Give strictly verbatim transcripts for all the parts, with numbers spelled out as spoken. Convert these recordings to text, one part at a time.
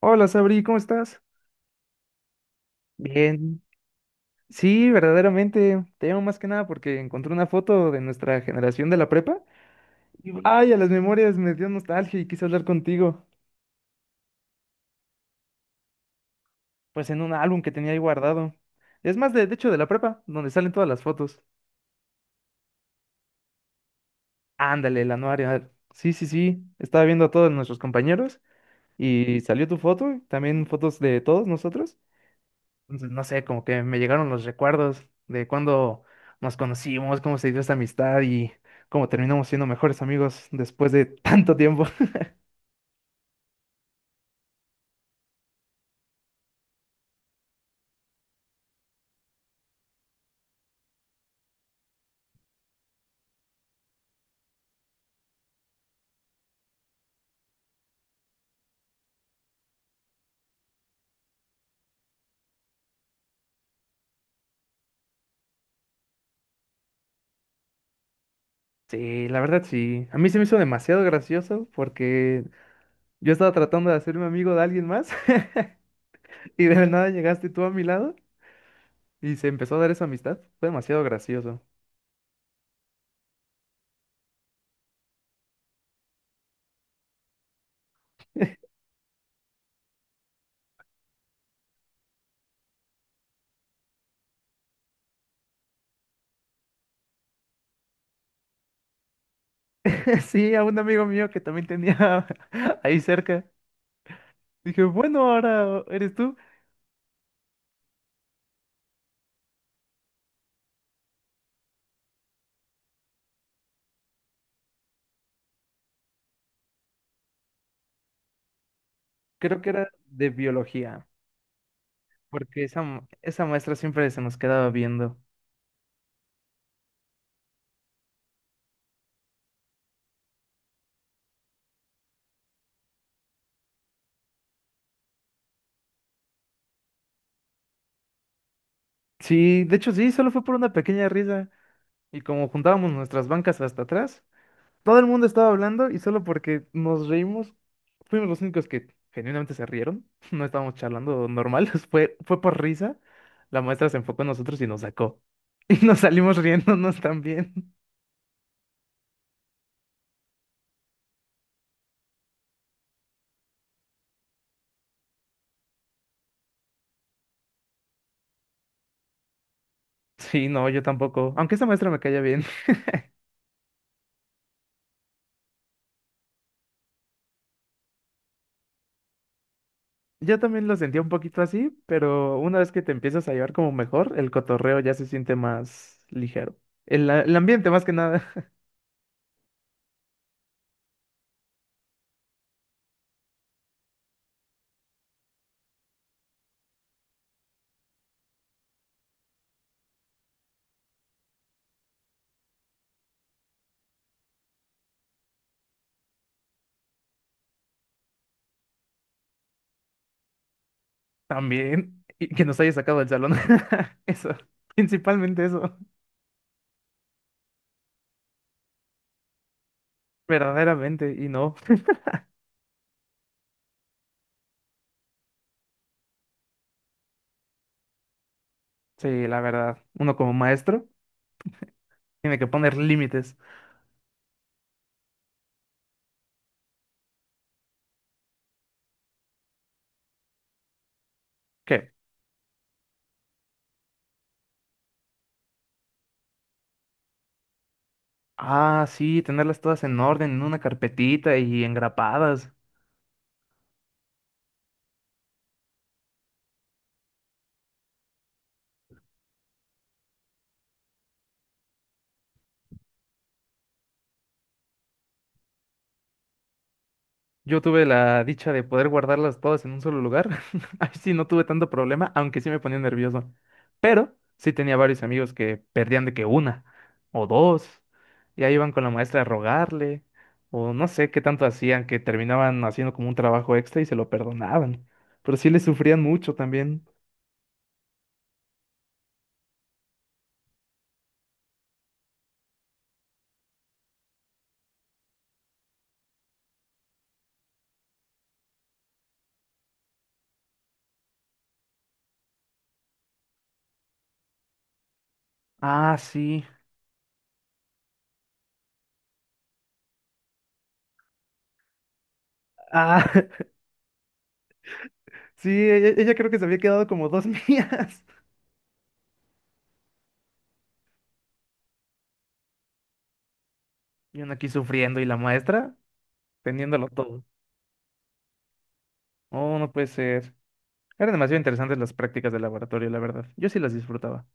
Hola Sabri, ¿cómo estás? Bien. Sí, verdaderamente. Te llamo más que nada porque encontré una foto de nuestra generación de la prepa. Y ay, a las memorias me dio nostalgia y quise hablar contigo. Pues en un álbum que tenía ahí guardado. Es más, de, de hecho, de la prepa, donde salen todas las fotos. Ándale, el anuario. Sí, sí, sí. Estaba viendo a todos nuestros compañeros y salió tu foto, también fotos de todos nosotros. Entonces, no sé, como que me llegaron los recuerdos de cuando nos conocimos, cómo se dio esta amistad y cómo terminamos siendo mejores amigos después de tanto tiempo. Sí, la verdad sí. A mí se me hizo demasiado gracioso porque yo estaba tratando de hacerme amigo de alguien más y de la nada llegaste tú a mi lado y se empezó a dar esa amistad. Fue demasiado gracioso. Sí, a un amigo mío que también tenía ahí cerca. Dije, bueno, ahora eres tú. Creo que era de biología. Porque esa, mu- esa maestra siempre se nos quedaba viendo. Sí, de hecho sí, solo fue por una pequeña risa. Y como juntábamos nuestras bancas hasta atrás, todo el mundo estaba hablando y solo porque nos reímos, fuimos los únicos que genuinamente se rieron. No estábamos charlando normal, fue, fue por risa. La maestra se enfocó en nosotros y nos sacó. Y nos salimos riéndonos también. Sí, no, yo tampoco. Aunque esa maestra me caía bien. Yo también lo sentía un poquito así, pero una vez que te empiezas a llevar como mejor, el cotorreo ya se siente más ligero. El, a- el ambiente más que nada también, y que nos haya sacado del salón. Eso, principalmente eso, verdaderamente, y no. Sí, la verdad, uno como maestro tiene que poner límites. ¿Qué? Ah, sí, tenerlas todas en orden, en una carpetita y engrapadas. Yo tuve la dicha de poder guardarlas todas en un solo lugar. Ahí sí no tuve tanto problema, aunque sí me ponía nervioso. Pero sí tenía varios amigos que perdían de que una o dos. Y ahí iban con la maestra a rogarle. O no sé qué tanto hacían, que terminaban haciendo como un trabajo extra y se lo perdonaban. Pero sí le sufrían mucho también. Ah, sí. Ah, sí, ella, ella creo que se había quedado como dos mías. Y uno aquí sufriendo y la maestra teniéndolo todo. Oh, no puede ser. Eran demasiado interesantes las prácticas de laboratorio, la verdad. Yo sí las disfrutaba.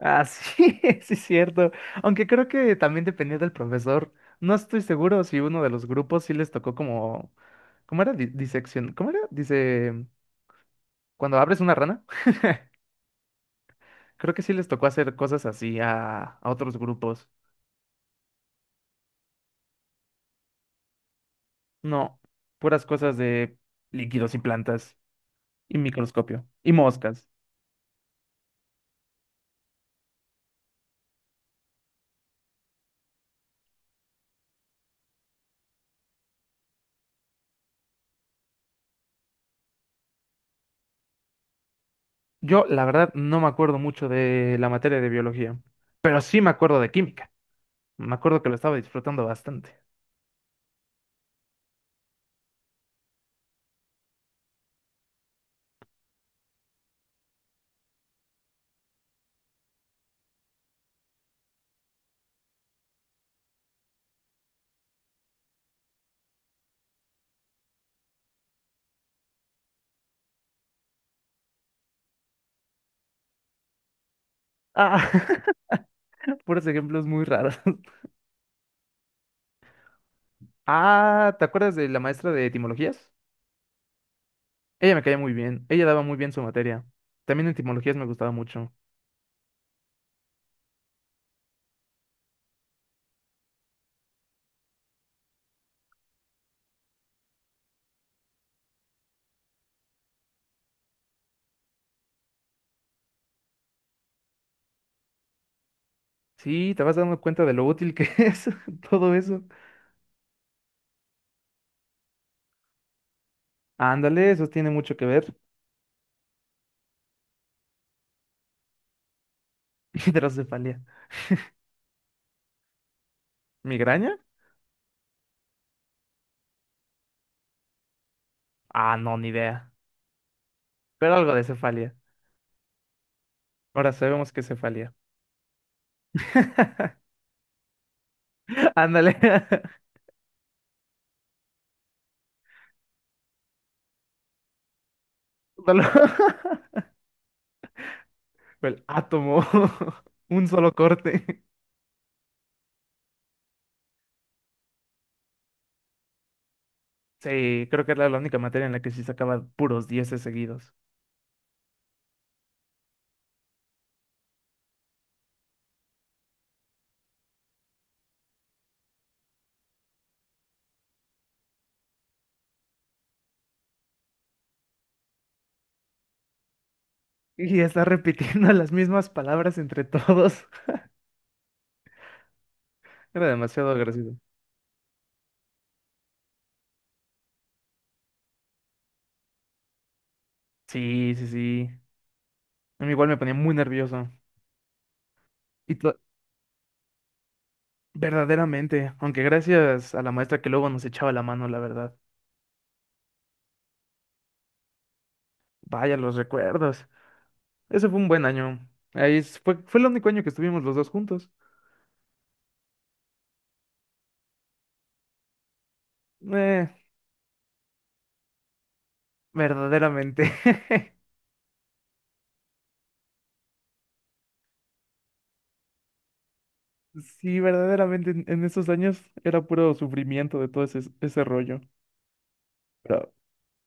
Ah, sí, sí es cierto. Aunque creo que también dependía del profesor. No estoy seguro si uno de los grupos sí les tocó como... ¿Cómo era? Di- disección. ¿Cómo era? Dice... Cuando abres una rana. Creo que sí les tocó hacer cosas así a, a otros grupos. No. Puras cosas de líquidos y plantas. Y microscopio. Y moscas. Yo, la verdad, no me acuerdo mucho de la materia de biología. Pero sí me acuerdo de química. Me acuerdo que lo estaba disfrutando bastante. Ah, puros ejemplos muy raros. Ah, ¿te acuerdas de la maestra de etimologías? Ella me caía muy bien, ella daba muy bien su materia. También etimologías me gustaba mucho. Sí, te vas dando cuenta de lo útil que es todo eso. Ándale, eso tiene mucho que ver. Hidrocefalia. ¿Migraña? Ah, no, ni idea. Pero algo de cefalia. Ahora sabemos que es cefalia. Ándale. Dolor. El átomo. Un solo corte. Sí, creo que era la única materia en la que sí sacaba puros dieces seguidos. Y está repitiendo las mismas palabras entre todos. Era demasiado agresivo. Sí, sí, sí. A mí igual me ponía muy nervioso. Y to- Verdaderamente, aunque gracias a la maestra que luego nos echaba la mano, la verdad. Vaya los recuerdos. Ese fue un buen año. Ahí es- fue, fue el único año que estuvimos los dos juntos. Eh, verdaderamente. Sí, verdaderamente en en esos años era puro sufrimiento de todo ese, ese rollo.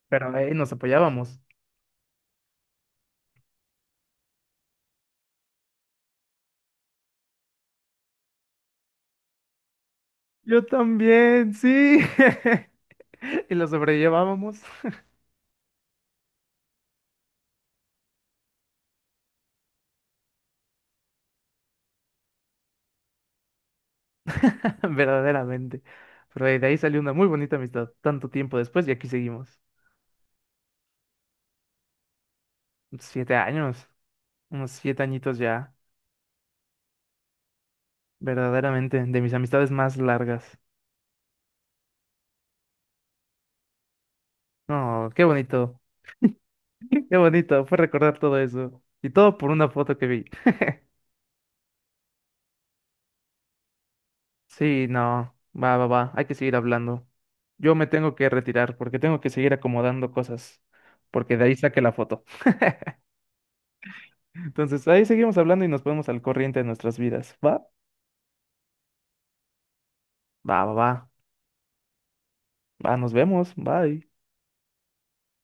Pero ahí nos apoyábamos. Yo también, sí. Y lo sobrellevábamos verdaderamente. Pero de ahí salió una muy bonita amistad tanto tiempo después y aquí seguimos. Siete años, unos siete añitos ya, verdaderamente, de mis amistades más largas. No, qué bonito, qué bonito, fue recordar todo eso. Y todo por una foto que vi. Sí, no, va, va, va, hay que seguir hablando. Yo me tengo que retirar porque tengo que seguir acomodando cosas, porque de ahí saqué la foto. Entonces, ahí seguimos hablando y nos ponemos al corriente de nuestras vidas. ¿Va? Va, va, va. Va, nos vemos. Bye.